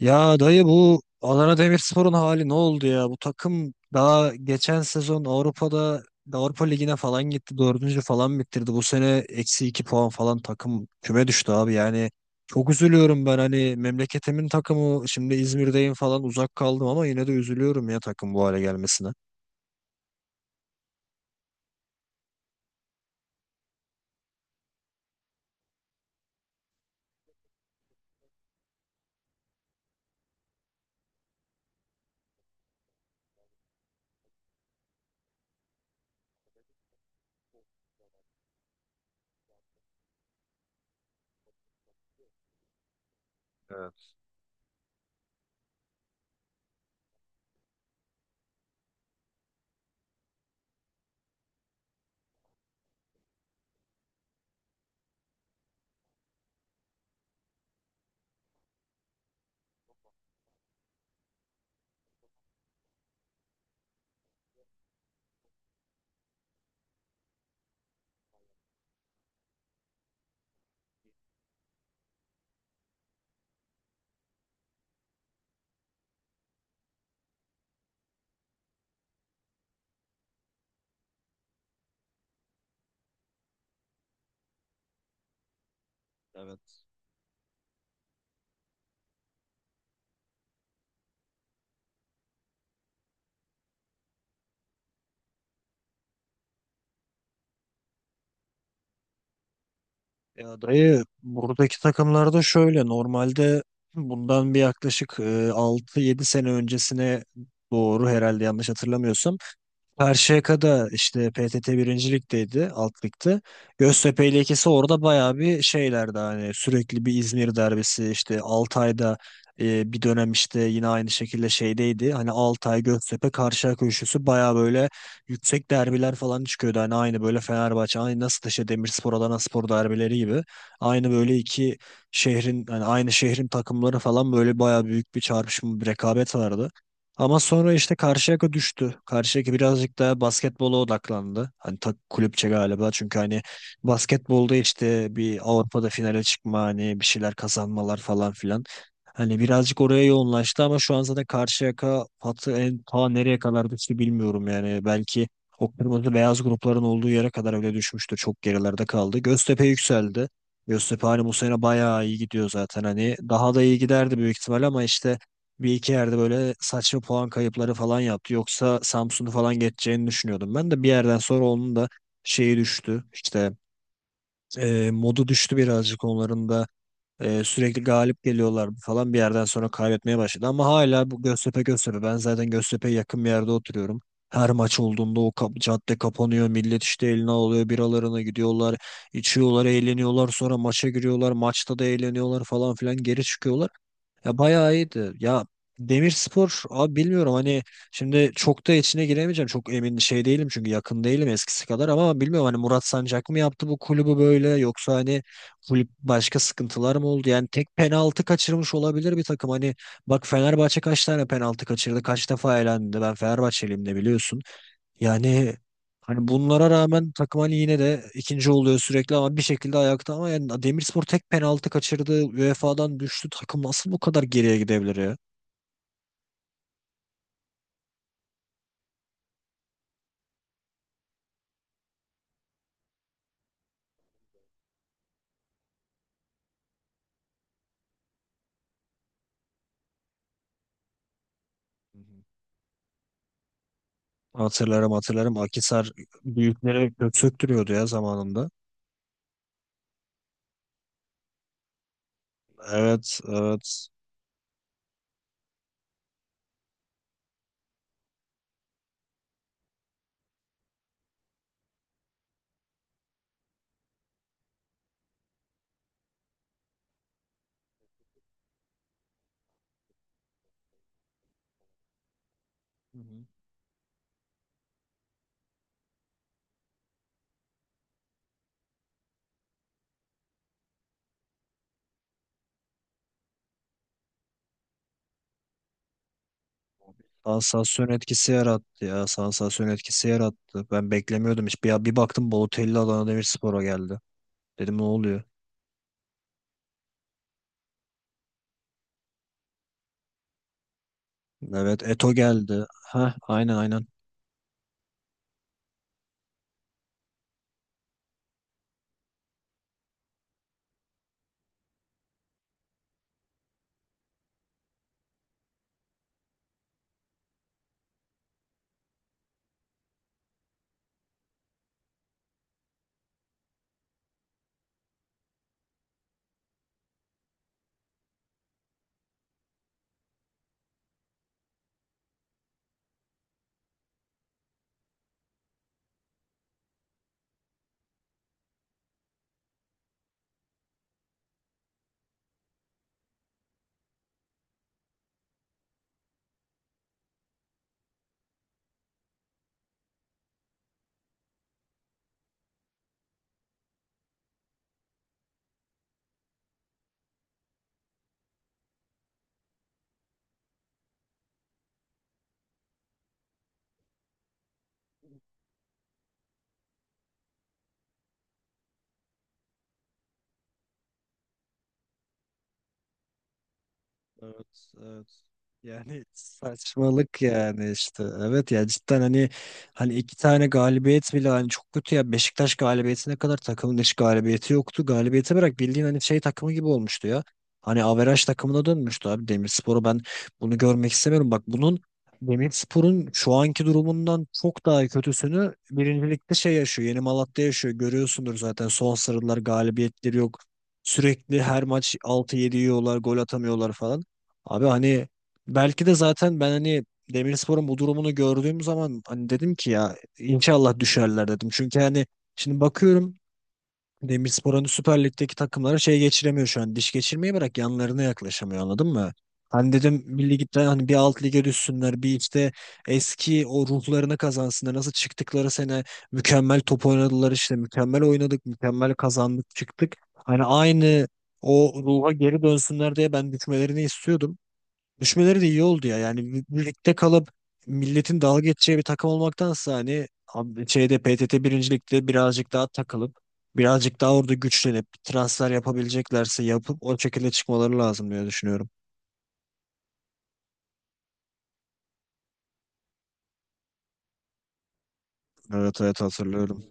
Ya dayı bu Adana Demirspor'un hali ne oldu ya? Bu takım daha geçen sezon Avrupa'da Avrupa Ligi'ne falan gitti. Dördüncü falan bitirdi. Bu sene eksi iki puan falan takım küme düştü abi. Yani çok üzülüyorum ben hani memleketimin takımı, şimdi İzmir'deyim falan, uzak kaldım ama yine de üzülüyorum ya takım bu hale gelmesine. Evet. Ya dayı buradaki takımlarda şöyle normalde bundan bir yaklaşık 6-7 sene öncesine doğru, herhalde yanlış hatırlamıyorsam, Karşıyaka'da işte PTT birinci ligdeydi, alt ligde. Göztepe ile ikisi orada bayağı bir şeylerdi, hani sürekli bir İzmir derbisi, işte Altay'da bir dönem işte yine aynı şekilde şeydeydi. Hani Altay, Göztepe, Karşıyaka üçlüsü bayağı böyle yüksek derbiler falan çıkıyordu. Hani aynı böyle Fenerbahçe, aynı nasıl işte Demirspor, Adanaspor derbileri gibi. Aynı böyle iki şehrin, hani aynı şehrin takımları falan, böyle bayağı büyük bir çarpışma, bir rekabet vardı. Ama sonra işte Karşıyaka düştü. Karşıyaka birazcık daha basketbola odaklandı. Hani tak kulüpçe galiba. Çünkü hani basketbolda işte bir Avrupa'da finale çıkma, hani bir şeyler kazanmalar falan filan. Hani birazcık oraya yoğunlaştı ama şu an zaten Karşıyaka patı en ta nereye kadar düştü bilmiyorum yani. Belki o kırmızı beyaz grupların olduğu yere kadar öyle düşmüştür. Çok gerilerde kaldı. Göztepe yükseldi. Göztepe hani bu sene bayağı iyi gidiyor zaten hani. Daha da iyi giderdi büyük ihtimal ama işte bir iki yerde böyle saçma puan kayıpları falan yaptı. Yoksa Samsun'u falan geçeceğini düşünüyordum. Ben de bir yerden sonra onun da şeyi düştü. İşte modu düştü birazcık onların da. Sürekli galip geliyorlar falan, bir yerden sonra kaybetmeye başladı. Ama hala bu Göztepe Göztepe. Ben zaten Göztepe'ye yakın bir yerde oturuyorum. Her maç olduğunda o cadde kapanıyor. Millet işte eline alıyor, biralarına gidiyorlar. İçiyorlar, eğleniyorlar. Sonra maça giriyorlar. Maçta da eğleniyorlar falan filan. Geri çıkıyorlar. Ya bayağı iyiydi. Ya Demirspor abi bilmiyorum, hani şimdi çok da içine giremeyeceğim. Çok emin şey değilim çünkü yakın değilim eskisi kadar, ama bilmiyorum hani Murat Sancak mı yaptı bu kulübü böyle, yoksa hani kulüp başka sıkıntılar mı oldu? Yani tek penaltı kaçırmış olabilir bir takım. Hani bak Fenerbahçe kaç tane penaltı kaçırdı? Kaç defa elendi? Ben Fenerbahçeliyim de, biliyorsun. Yani hani bunlara rağmen takım hani yine de ikinci oluyor sürekli, ama bir şekilde ayakta. Ama yani Demirspor tek penaltı kaçırdı. UEFA'dan düştü. Takım nasıl bu kadar geriye gidebilir ya? Hı hı. Hatırlarım hatırlarım. Akisar büyüklere kök söktürüyordu ya zamanında. Evet evet. Hı hı. Sansasyon etkisi yarattı ya. Sansasyon etkisi yarattı. Ben beklemiyordum hiç. Bir baktım Balotelli Adana Demirspor'a geldi. Dedim ne oluyor? Evet, Eto geldi. Ha, aynen aynen. Evet, evet. Yani saçmalık yani işte. Evet ya, cidden hani iki tane galibiyet bile hani, çok kötü ya. Beşiktaş galibiyetine kadar takımın hiç galibiyeti yoktu. Galibiyeti bırak, bildiğin hani şey takımı gibi olmuştu ya. Hani averaj takımına dönmüştü abi. Demirspor'u ben bunu görmek istemiyorum. Bak bunun, Demirspor'un şu anki durumundan çok daha kötüsünü birincilikte şey yaşıyor. Yeni Malatya yaşıyor. Görüyorsundur zaten, son sarılar galibiyetleri yok. Sürekli her maç altı 7 yiyorlar, gol atamıyorlar falan. Abi hani belki de zaten ben hani Demirspor'un bu durumunu gördüğüm zaman hani dedim ki ya inşallah düşerler dedim. Çünkü hani şimdi bakıyorum, Demirspor hani Süper Lig'deki takımlara şey geçiremiyor şu an. Diş geçirmeyi bırak, yanlarına yaklaşamıyor, anladın mı? Hani dedim bir ligden hani bir alt lige düşsünler, bir işte eski o ruhlarını kazansınlar. Nasıl çıktıkları sene mükemmel top oynadılar, işte mükemmel oynadık mükemmel kazandık çıktık. Hani aynı o ruha geri dönsünler diye ben düşmelerini istiyordum. Düşmeleri de iyi oldu ya. Yani birlikte kalıp milletin dalga geçeceği bir takım olmaktansa, hani şeyde PTT birincilikte birazcık daha takılıp, birazcık daha orada güçlenip transfer yapabileceklerse yapıp, o şekilde çıkmaları lazım diye düşünüyorum. Evet evet, hatırlıyorum.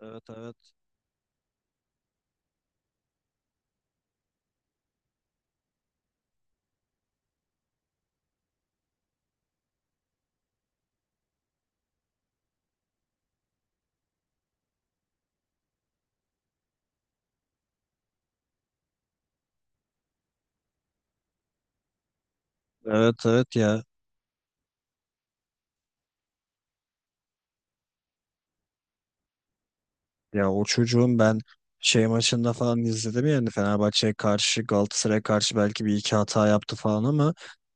Evet evet. Evet evet ya. Ya o çocuğun ben şey maçında falan izledim yani, Fenerbahçe'ye karşı Galatasaray'a karşı belki bir iki hata yaptı falan ama,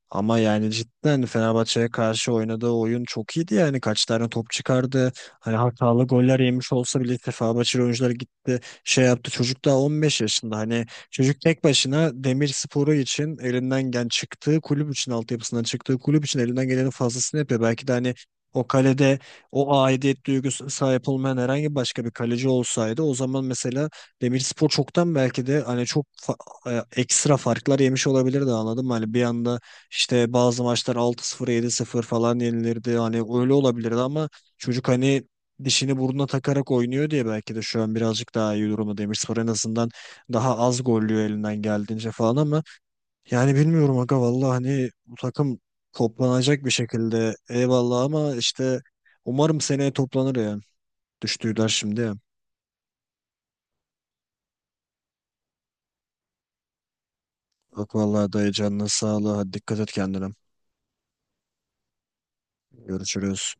ama yani cidden Fenerbahçe'ye karşı oynadığı oyun çok iyiydi yani, kaç tane top çıkardı. Hani hatalı goller yemiş olsa bile, Fenerbahçeli oyuncular gitti şey yaptı, çocuk daha 15 yaşında hani. Çocuk tek başına Demirspor'u için elinden gelen, çıktığı kulüp için, altyapısından çıktığı kulüp için elinden gelenin fazlasını yapıyor. Belki de hani o kalede o aidiyet duygusu sahip olmayan herhangi başka bir kaleci olsaydı, o zaman mesela Demirspor çoktan belki de hani çok ekstra farklar yemiş olabilirdi, anladın mı? Hani bir anda işte bazı maçlar altı sıfır yedi sıfır falan yenilirdi. Hani öyle olabilirdi ama çocuk hani dişini burnuna takarak oynuyor diye belki de şu an birazcık daha iyi durumda Demirspor. En azından daha az gollüyor elinden geldiğince falan, ama yani bilmiyorum aga vallahi hani bu takım toplanacak bir şekilde, eyvallah, ama işte umarım seneye toplanır ya. Düştüler şimdi ya. Bak vallahi dayı, canına sağlığı. Hadi dikkat et kendine. Görüşürüz.